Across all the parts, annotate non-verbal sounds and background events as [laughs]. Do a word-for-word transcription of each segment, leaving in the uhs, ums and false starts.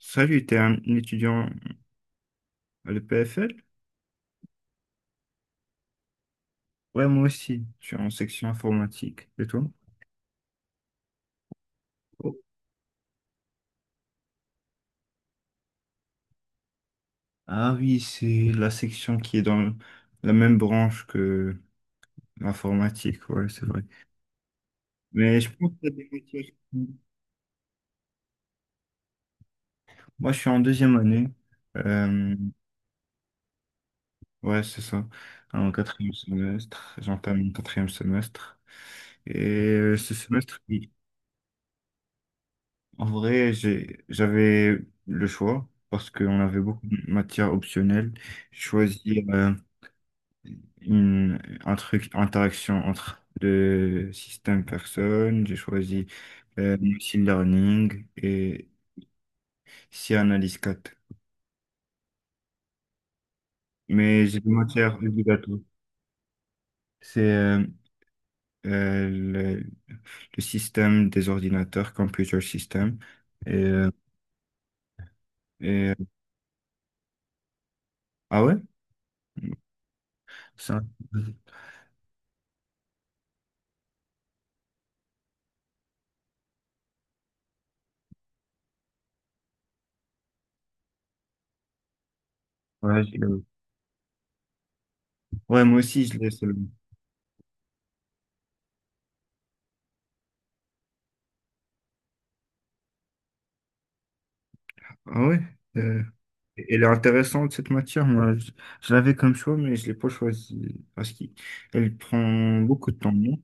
Salut, t'es un étudiant à l'E P F L? Ouais, moi aussi, je suis en section informatique. Et toi? Oh. Ah oui, c'est la section qui est dans la même branche que l'informatique, ouais, c'est vrai. Mais je pense que t'as des matières. Moi, je suis en deuxième année. Euh, ouais, c'est ça. En quatrième semestre, j'entame mon quatrième semestre. Et euh, ce semestre, oui. En vrai, j'ai, j'avais le choix parce qu'on avait beaucoup de matières optionnelles. Choisir euh, une, un truc, interaction entre le système personne. J'ai choisi euh, machine learning et C analyse quatre. Mais j'ai des matières obligatoires. C'est euh, euh, le, le système des ordinateurs, computer system. Et, euh, et- euh, ah ouais? Ça, ouais, je l'ai. Ouais, moi aussi, je l'ai. Ah ouais, euh, elle est intéressante cette matière. Moi, je, je l'avais comme choix, mais je l'ai pas choisie parce qu'elle prend beaucoup de temps, non?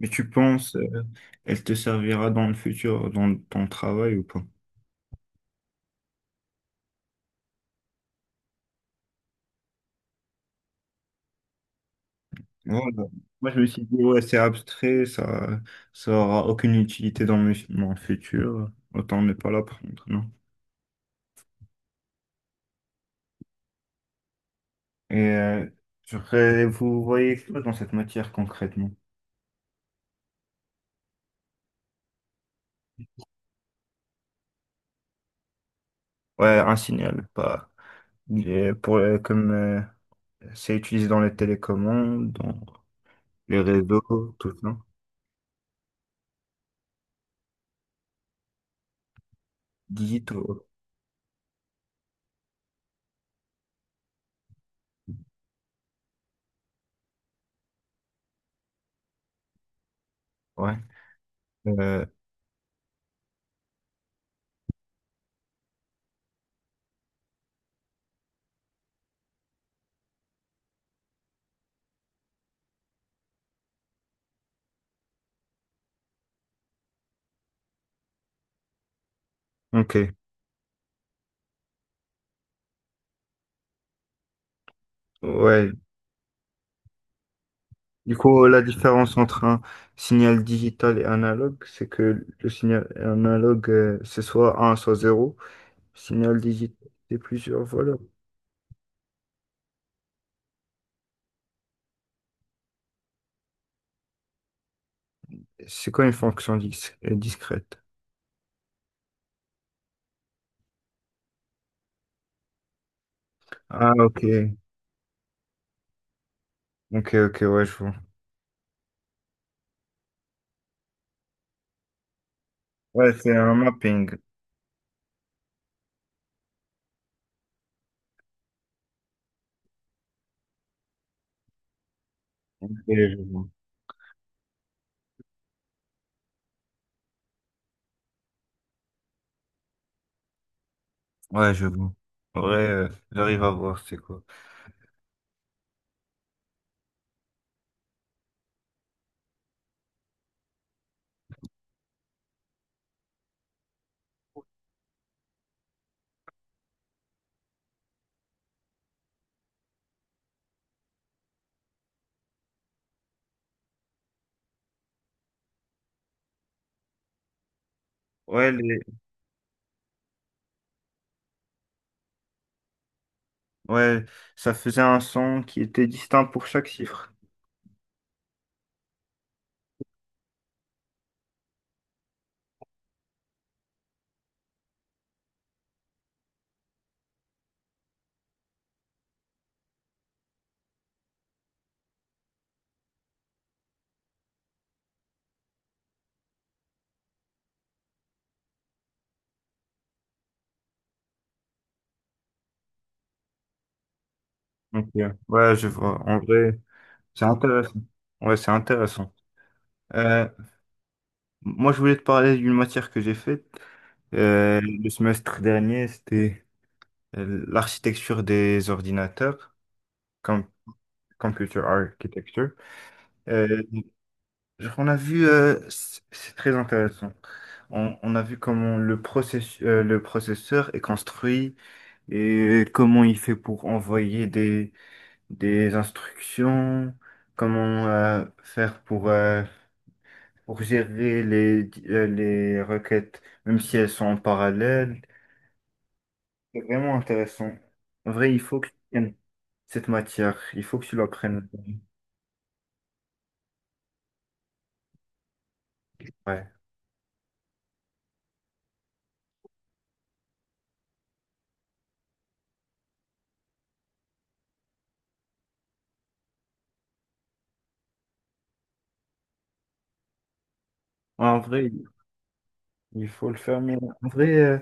Mais tu penses, euh, elle te servira dans le futur, dans ton travail ou pas? Voilà. Moi, je me suis dit, ouais, c'est abstrait, ça, ça aura aucune utilité dans mes- mon futur. Autant ne pas l'apprendre, non? Et euh, je voudrais- vous voyez quoi dans cette matière concrètement? Ouais, un signal, pas. Il est pour, euh, comme. Euh, C'est utilisé dans les télécommandes, dans les réseaux, tout ça. Digitaux, ouais. Euh, ok. Ouais. Du coup, la différence entre un signal digital et analogue, c'est que le signal analogue, euh, c'est soit un soit zéro. Signal digital, c'est plusieurs valeurs. C'est quoi une fonction dis- euh, discrète? Ah, ok. Ok, ok, ouais, je vois. Ouais, c'est un mapping. Ok, je vois. Ouais, je vois. Ouais, euh, j'arrive à voir, c'est quoi. Ouais. Ouais, ça faisait un son qui était distinct pour chaque chiffre. Donc, euh, ouais, je vois. En vrai, c'est intéressant. Ouais, c'est intéressant. Euh, moi, je voulais te parler d'une matière que j'ai faite euh, le semestre dernier. C'était euh, l'architecture des ordinateurs, com- computer architecture. Euh, genre, on a vu, euh, c- c'est très intéressant. On, on a vu comment le process- euh, le processeur est construit et comment il fait pour envoyer des des instructions, comment euh, faire pour, euh, pour gérer les, di- euh, les requêtes, même si elles sont en parallèle. C'est vraiment intéressant. En vrai, il faut que tu prennes cette matière, il faut que tu l'apprennes. Ouais. En vrai, il faut le faire, mais en vrai, euh,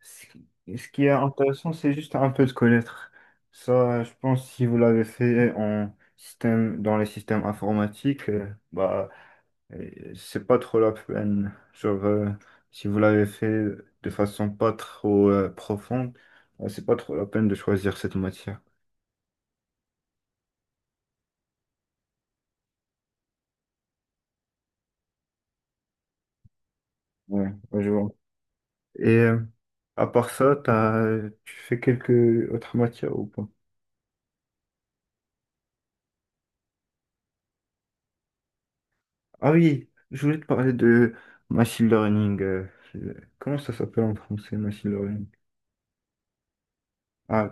ce qui ce qui est intéressant, c'est juste un peu de connaître. Ça, je pense, si vous l'avez fait en système, dans les systèmes informatiques, euh, bah, et c'est pas trop la peine. Genre, euh, si vous l'avez fait de façon pas trop euh, profonde, euh, c'est pas trop la peine de choisir cette matière. Ouais, ouais, je vois. Et euh, à part ça, t'as, tu fais quelques autres matières ou pas? Ah oui, je voulais te parler de machine learning. euh, euh, comment ça s'appelle en français, machine learning? Ah,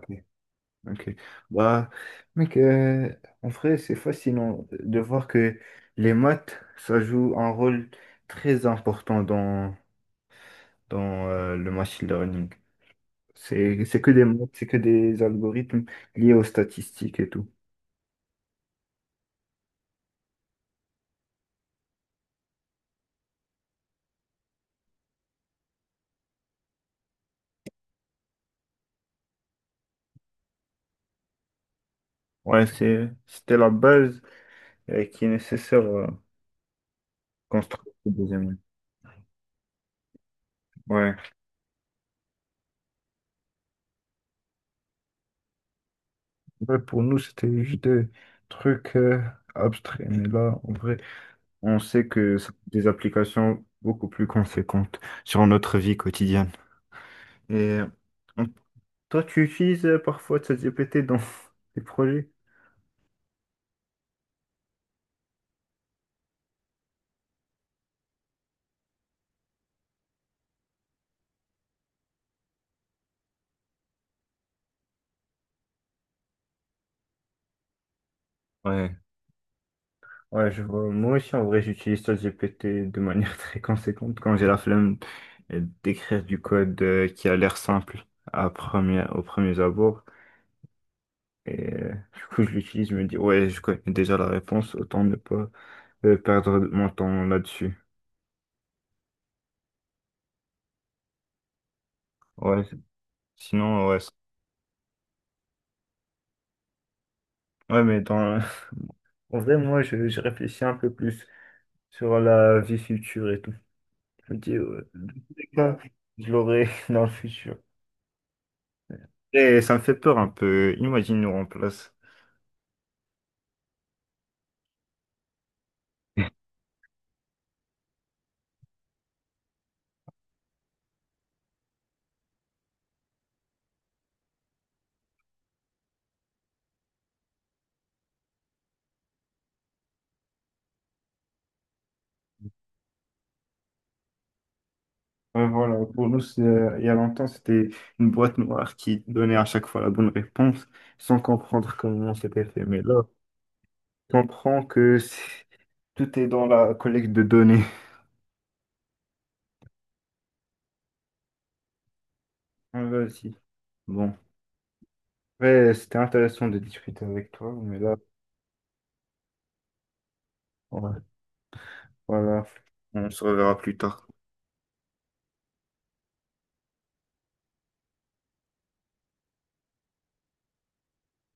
ok. Bah, mec, euh, en vrai, c'est fascinant de voir que les maths, ça joue un rôle très important dans, dans euh, le machine learning. C'est, c'est que des maths, c'est que des algorithmes liés aux statistiques et tout. Ouais, c'est, c'était la base euh, qui est nécessaire euh, construire le deuxième. Ouais. Ouais, pour nous, c'était juste des trucs euh, abstraits. Mais là, en vrai, on sait que ça a des applications beaucoup plus conséquentes sur notre vie quotidienne. Et on- toi, tu utilises euh, parfois ChatGPT dans [laughs] tes projets? Ouais. Ouais, je vois. Moi aussi, en vrai, j'utilise ChatGPT de manière [laughs] très conséquente quand j'ai la flemme euh, d'écrire du code euh, qui a l'air simple à première, au premier abord. Et euh, du coup, je l'utilise, je me dis, ouais, je connais déjà la réponse, autant ne pas euh, perdre mon temps là-dessus. Ouais, sinon, ouais. C'est- ouais, mais dans, en vrai, moi, je, je réfléchis un peu plus sur la vie future et tout. Je me dis, euh, dans tous les cas, je l'aurai [laughs] dans le futur. Et ça me fait peur un peu. Imagine nous remplace. Ouais, voilà, pour nous, c'est- il y a longtemps, c'était une boîte noire qui donnait à chaque fois la bonne réponse sans comprendre comment c'était fait. Mais là, on comprend que c'est- tout est dans la collecte de données. Ouais, vas. Bon. Ouais, c'était intéressant de discuter avec toi, mais là, ouais, voilà, on se reverra plus tard.